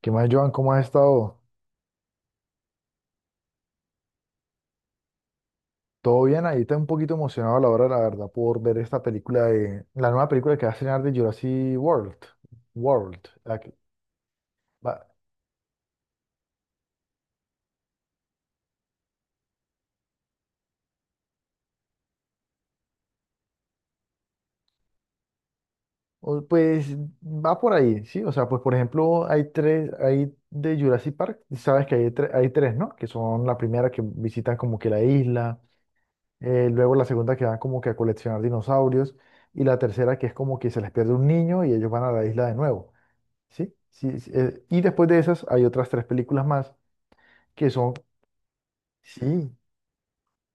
¿Qué más, Joan? ¿Cómo has estado? ¿Todo bien? Ahí está un poquito emocionado a la hora, la verdad, por ver esta película de la nueva película que va a estrenar de Jurassic World. World. la que va- pues va por ahí, ¿sí? O sea, pues por ejemplo, hay tres. Hay de Jurassic Park, sabes que hay, hay tres, ¿no? Que son la primera que visitan como que la isla, luego la segunda que van como que a coleccionar dinosaurios, y la tercera que es como que se les pierde un niño y ellos van a la isla de nuevo, ¿sí? Sí, sí, y después de esas hay otras tres películas más que son, sí,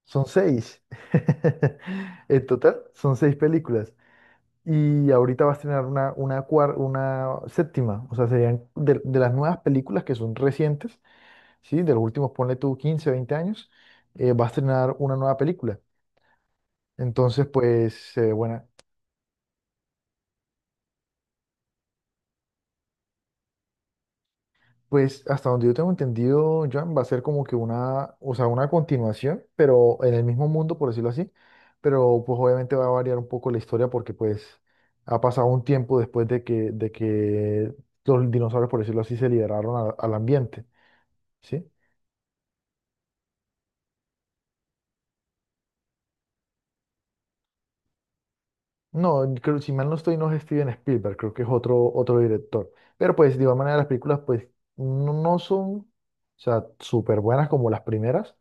son seis. En total, son seis películas. Y ahorita va a estrenar una séptima. O sea, serían de las nuevas películas que son recientes, ¿sí? De los últimos, ponle tú 15, 20 años, va a estrenar una nueva película. Entonces, pues, bueno. Pues hasta donde yo tengo entendido, Joan, va a ser como que una, o sea, una continuación, pero en el mismo mundo, por decirlo así. Pero pues obviamente va a variar un poco la historia porque pues ha pasado un tiempo después de que los dinosaurios, por decirlo así, se liberaron al ambiente, ¿sí? No, creo, si mal no estoy, no es Steven Spielberg, creo que es otro, otro director. Pero pues de igual manera las películas pues no, no son, o sea, súper buenas como las primeras.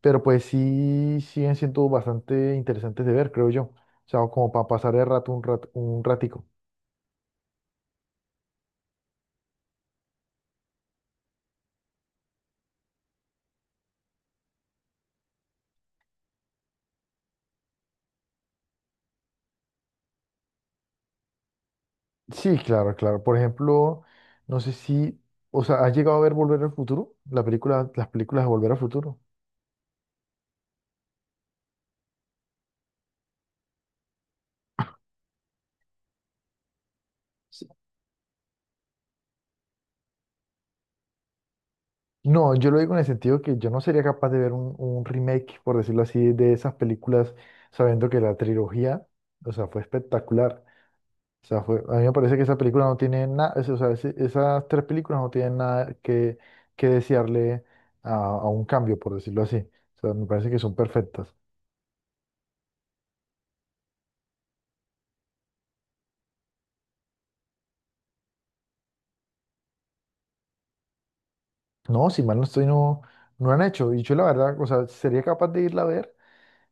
Pero pues sí siguen siendo bastante interesantes de ver, creo yo. O sea, como para pasar el rato un ratico. Sí, claro, claro. Por ejemplo, no sé si, o sea, ¿has llegado a ver Volver al Futuro? La película, las películas de Volver al Futuro. Sí. No, yo lo digo en el sentido que yo no sería capaz de ver un remake, por decirlo así, de esas películas, sabiendo que la trilogía, o sea, fue espectacular. O sea, fue, a mí me parece que esa película no tiene nada, o sea, esas tres películas no tienen nada que, que desearle a un cambio, por decirlo así. O sea, me parece que son perfectas. No, si mal no estoy, no, no han hecho. Y yo la verdad, o sea, sería capaz de irla a ver,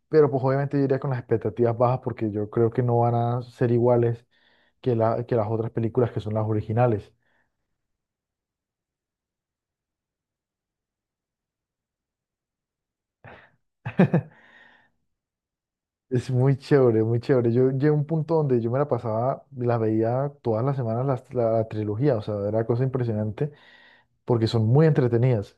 pero pues obviamente yo iría con las expectativas bajas porque yo creo que no van a ser iguales que, la, que las otras películas que son las originales. Es muy chévere, muy chévere. Yo llegué a un punto donde yo me la pasaba, la veía todas las semanas la, la trilogía, o sea, era cosa impresionante porque son muy entretenidas.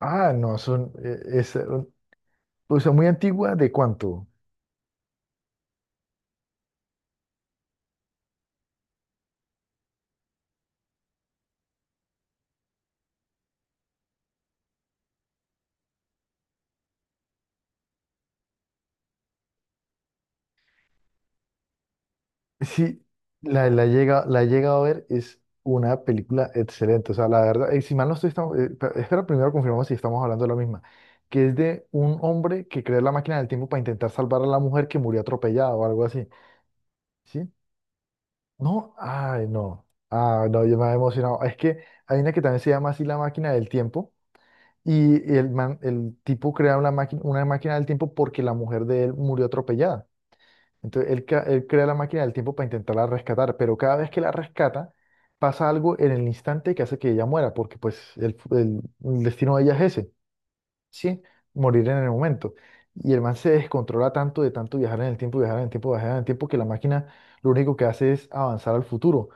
Ah, no, son, es, o sea, muy antigua, ¿de cuánto? Sí, la, llega, la he llegado a ver, es una película excelente, o sea, la verdad, si mal no estoy, estamos, espera, primero confirmamos si estamos hablando de la misma, que es de un hombre que creó la máquina del tiempo para intentar salvar a la mujer que murió atropellada o algo así, ¿sí? No, ay, no, ah, no, yo me había emocionado, es que hay una que también se llama así la máquina del tiempo. Y el, el tipo crea una máquina del tiempo porque la mujer de él murió atropellada. Entonces él, él crea la máquina del tiempo para intentarla rescatar, pero cada vez que la rescata pasa algo en el instante que hace que ella muera, porque pues el, el destino de ella es ese, ¿sí? Morir en el momento. Y el man se descontrola tanto de tanto viajar en el tiempo, viajar en el tiempo, viajar en el tiempo, que la máquina lo único que hace es avanzar al futuro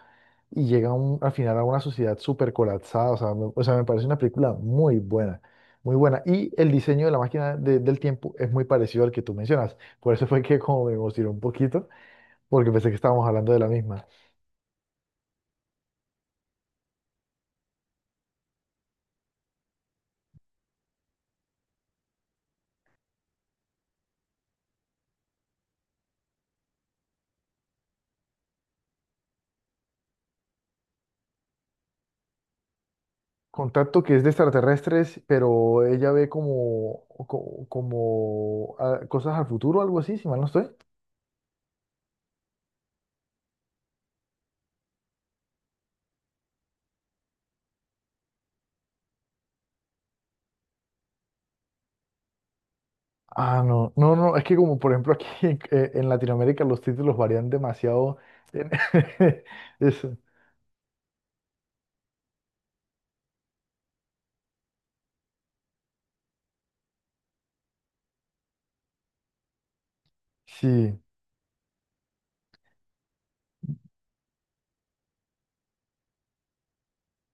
y llega a al final a una sociedad súper colapsada. O sea, me parece una película muy buena, muy buena. Y el diseño de la máquina del tiempo es muy parecido al que tú mencionas. Por eso fue que como me emocionó un poquito, porque pensé que estábamos hablando de la misma. Contacto que es de extraterrestres, pero ella ve como, como, ah, cosas al futuro, algo así, si mal no estoy. Ah, no, no, no, es que como por ejemplo aquí en Latinoamérica los títulos varían demasiado. En- Eso, sí.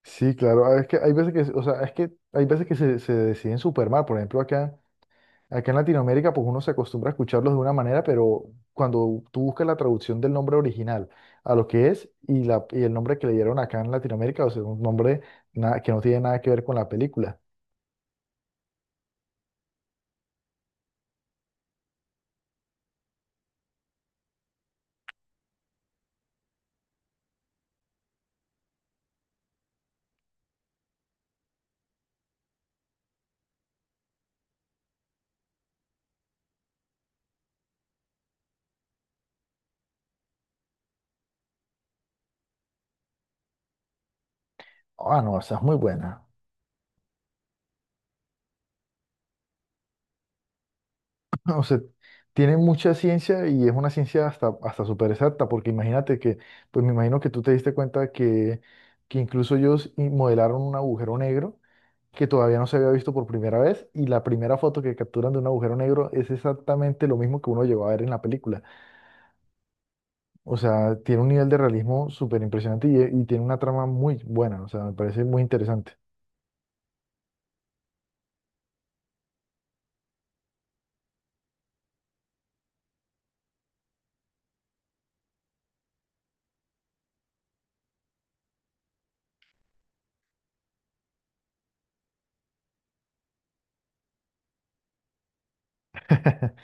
Sí, claro, ah, es que hay veces que, o sea, es que hay veces que se deciden super mal. Por ejemplo, acá, acá en Latinoamérica, pues uno se acostumbra a escucharlos de una manera, pero cuando tú buscas la traducción del nombre original a lo que es y, la, y el nombre que le dieron acá en Latinoamérica, o sea, un nombre nada, que no tiene nada que ver con la película. Ah, no, esa es muy buena. O sea, tiene mucha ciencia y es una ciencia hasta, hasta súper exacta, porque imagínate que, pues me imagino que tú te diste cuenta que incluso ellos modelaron un agujero negro que todavía no se había visto por primera vez y la primera foto que capturan de un agujero negro es exactamente lo mismo que uno llegó a ver en la película. O sea, tiene un nivel de realismo súper impresionante y tiene una trama muy buena, o sea, me parece muy interesante.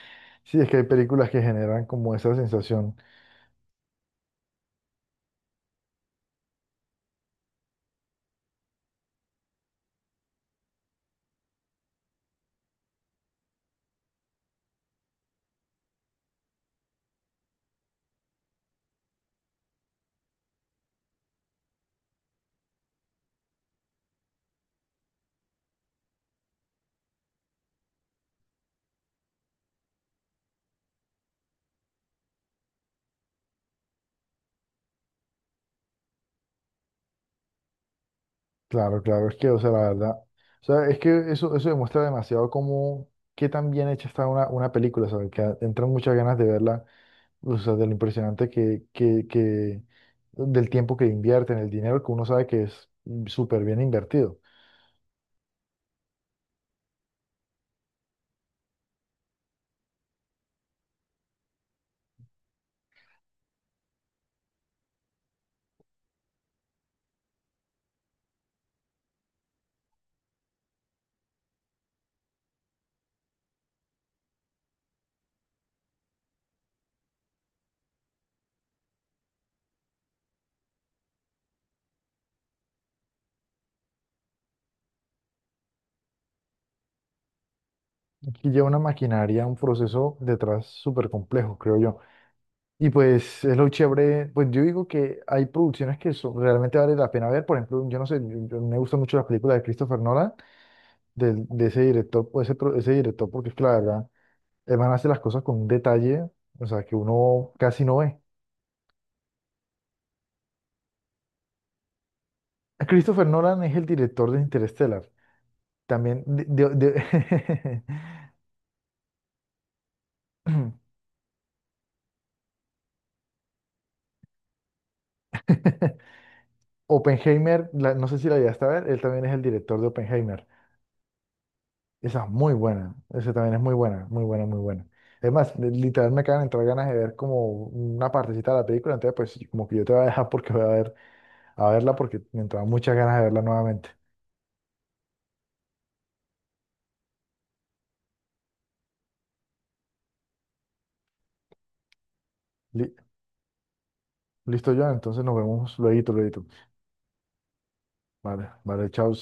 Sí, es que hay películas que generan como esa sensación. Claro, claro, es que, o sea, la verdad, o sea, es que eso demuestra demasiado cómo, qué tan bien hecha está una película, ¿sabes? Que entran muchas ganas de verla. O sea, de lo impresionante que, del tiempo que invierten, el dinero que uno sabe que es súper bien invertido. Aquí lleva una maquinaria, un proceso detrás súper complejo, creo yo. Y pues es lo chévere, pues yo digo que hay producciones que son- realmente vale la pena ver. Por ejemplo, yo no sé, me gustan mucho las películas de Christopher Nolan, del de ese director, o ese, ese director, porque es que la verdad, el man hace las cosas con un detalle, o sea, que uno casi no ve. Christopher Nolan es el director de Interstellar. También, Oppenheimer, no sé si la llegaste a ver, él también es el director de Oppenheimer. Esa es muy buena, esa también es muy buena, muy buena, muy buena. Además, literal me acaban de entrar ganas de ver como una partecita de la película, entonces pues como que yo te voy a dejar porque voy a ver, a verla porque me entraban muchas ganas de verla nuevamente. Li- listo, Joan, entonces nos vemos luego, luego. Vale, vale, chao.